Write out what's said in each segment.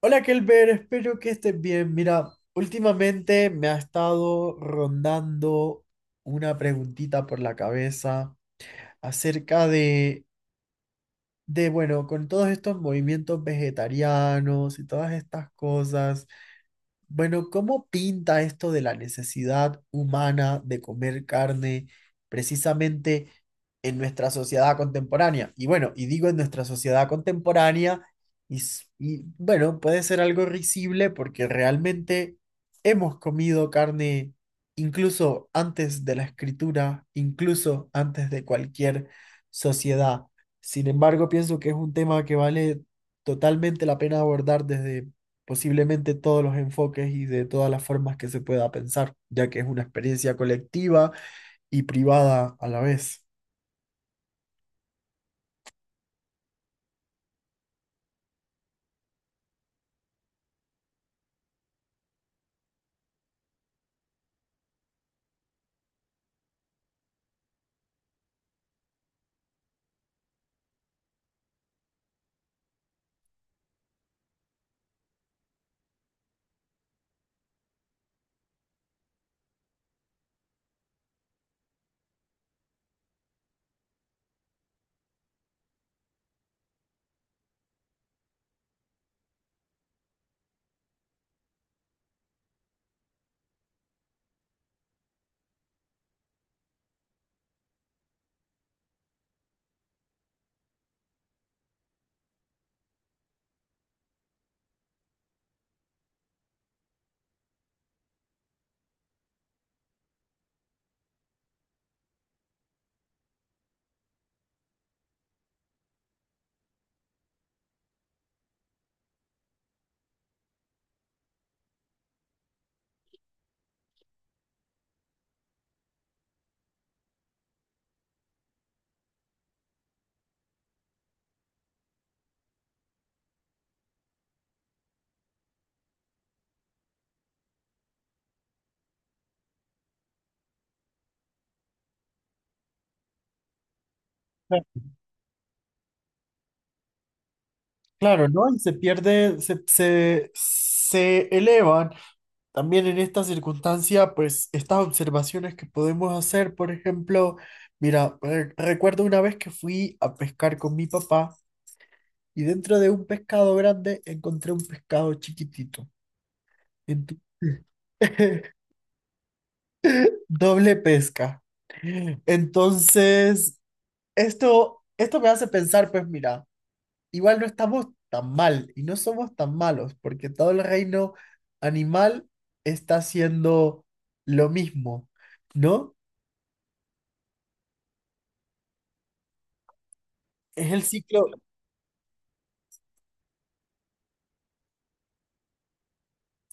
Hola Kelber, espero que estés bien. Mira, últimamente me ha estado rondando una preguntita por la cabeza acerca bueno, con todos estos movimientos vegetarianos y todas estas cosas. Bueno, ¿cómo pinta esto de la necesidad humana de comer carne precisamente en nuestra sociedad contemporánea? Y bueno, y digo en nuestra sociedad contemporánea, y bueno, puede ser algo risible porque realmente hemos comido carne incluso antes de la escritura, incluso antes de cualquier sociedad. Sin embargo, pienso que es un tema que vale totalmente la pena abordar desde posiblemente todos los enfoques y de todas las formas que se pueda pensar, ya que es una experiencia colectiva y privada a la vez. Claro, ¿no? Y se pierde, se elevan también en esta circunstancia, pues estas observaciones que podemos hacer, por ejemplo, mira, recuerdo una vez que fui a pescar con mi papá y dentro de un pescado grande encontré un pescado chiquitito. Entonces, doble pesca. Entonces, esto me hace pensar, pues mira, igual no estamos tan mal y no somos tan malos, porque todo el reino animal está haciendo lo mismo, ¿no? Es el ciclo.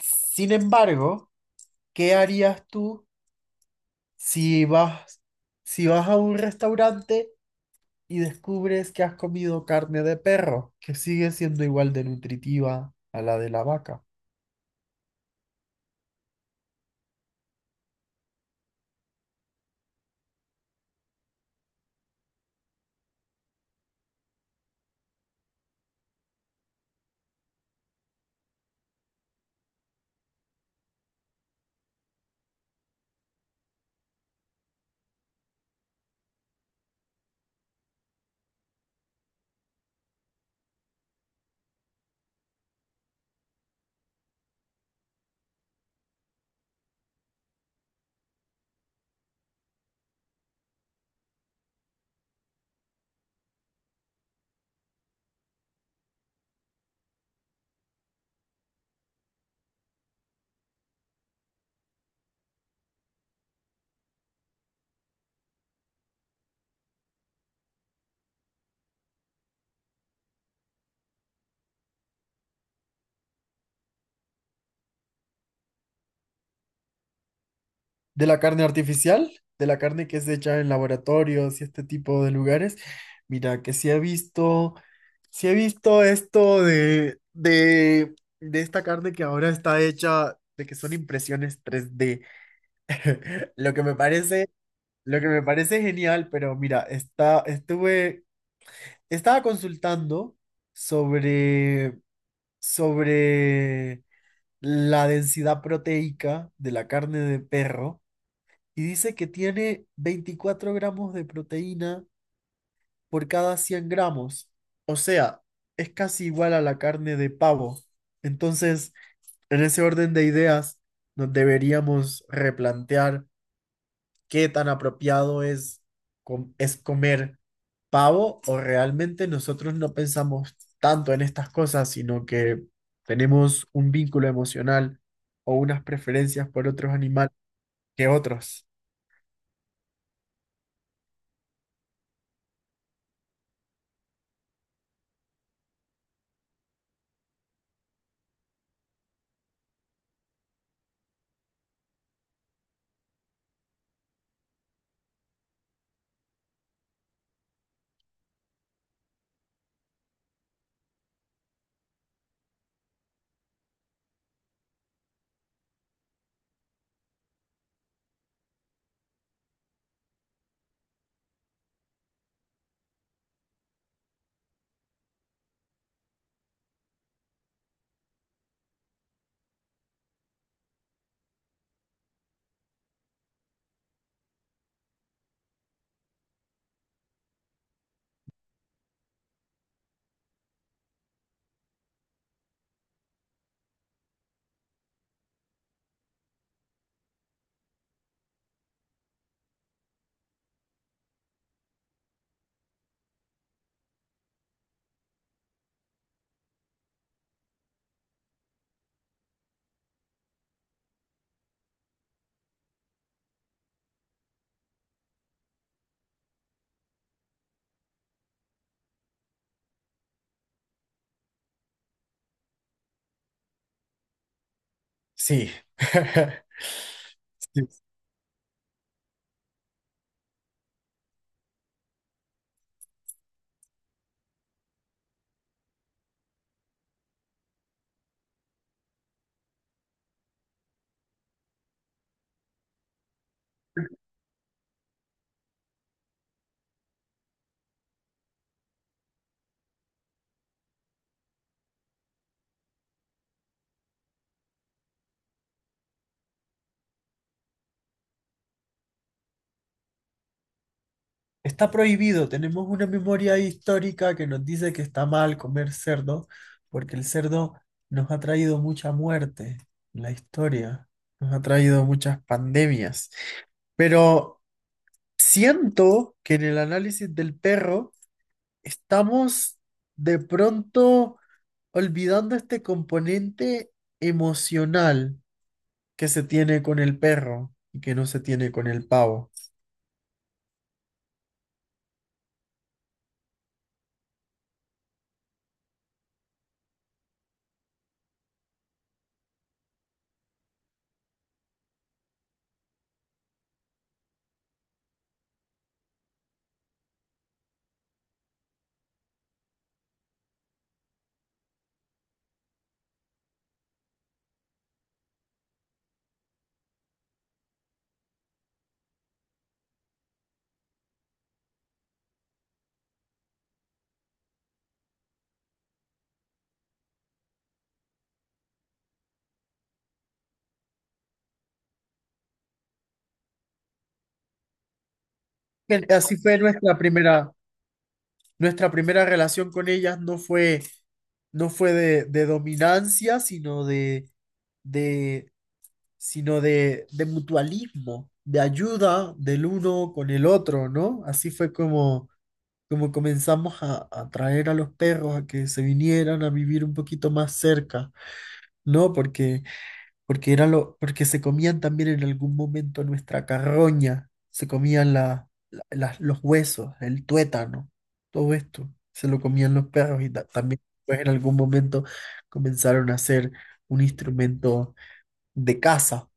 Sin embargo, ¿qué harías tú si vas, si vas a un restaurante y descubres que has comido carne de perro, que sigue siendo igual de nutritiva a la de la vaca? De la carne artificial, de la carne que es hecha en laboratorios y este tipo de lugares. Mira, que sí he visto esto de esta carne que ahora está hecha, de que son impresiones 3D. Lo que me parece, lo que me parece genial, pero mira, estaba consultando sobre, sobre la densidad proteica de la carne de perro y dice que tiene 24 gramos de proteína por cada 100 gramos. O sea, es casi igual a la carne de pavo. Entonces, en ese orden de ideas, nos deberíamos replantear qué tan apropiado es comer pavo o realmente nosotros no pensamos tanto en estas cosas, sino que tenemos un vínculo emocional o unas preferencias por otros animales que otros. Sí. Está prohibido, tenemos una memoria histórica que nos dice que está mal comer cerdo, porque el cerdo nos ha traído mucha muerte en la historia, nos ha traído muchas pandemias. Pero siento que en el análisis del perro estamos de pronto olvidando este componente emocional que se tiene con el perro y que no se tiene con el pavo. Bien. Así fue nuestra primera, nuestra primera relación con ellas no fue, no fue de dominancia, de, sino de mutualismo, de ayuda del uno con el otro, ¿no? Así fue como, como comenzamos a traer a los perros a que se vinieran a vivir un poquito más cerca, ¿no? Porque era lo, porque se comían también en algún momento nuestra carroña, se comían los huesos, el tuétano, todo esto, se lo comían los perros y también pues, en algún momento comenzaron a ser un instrumento de caza.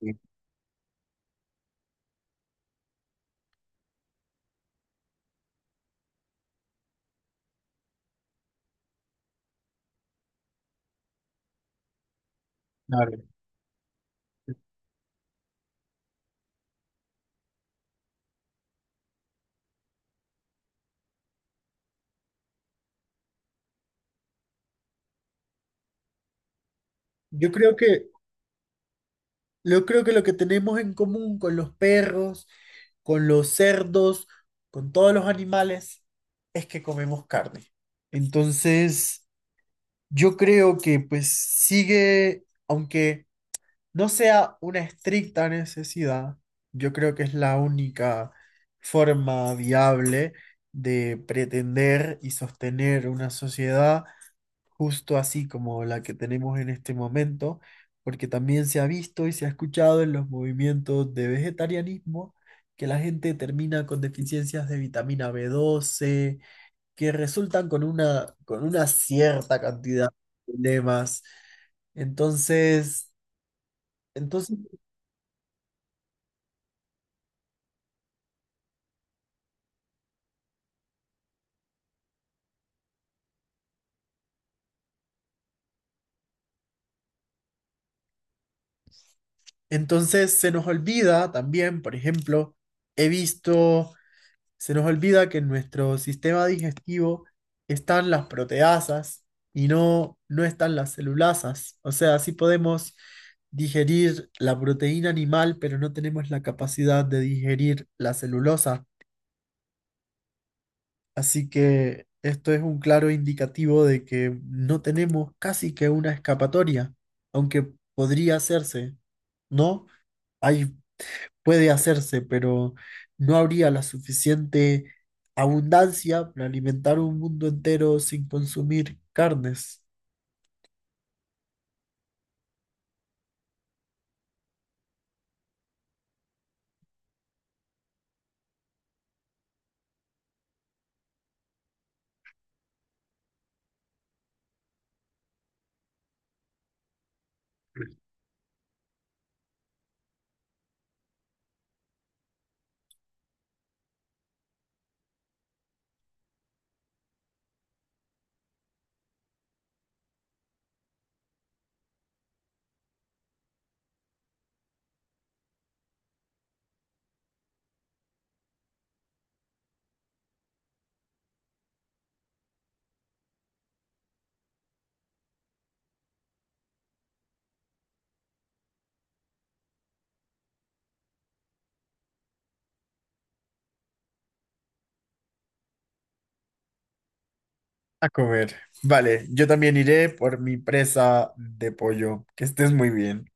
Sí, claro. Yo creo que, yo creo que lo que tenemos en común con los perros, con los cerdos, con todos los animales, es que comemos carne. Entonces, yo creo que pues sigue, aunque no sea una estricta necesidad, yo creo que es la única forma viable de pretender y sostener una sociedad justo así como la que tenemos en este momento, porque también se ha visto y se ha escuchado en los movimientos de vegetarianismo que la gente termina con deficiencias de vitamina B12 que resultan con con una cierta cantidad de problemas. Entonces, entonces, entonces se nos olvida también, por ejemplo, he visto, se nos olvida que en nuestro sistema digestivo están las proteasas y no, no están las celulasas. O sea, sí podemos digerir la proteína animal, pero no tenemos la capacidad de digerir la celulosa. Así que esto es un claro indicativo de que no tenemos casi que una escapatoria, aunque podría hacerse, ¿no? Ahí puede hacerse, pero no habría la suficiente abundancia para alimentar un mundo entero sin consumir carnes. A comer. Vale, yo también iré por mi presa de pollo. Que estés muy bien.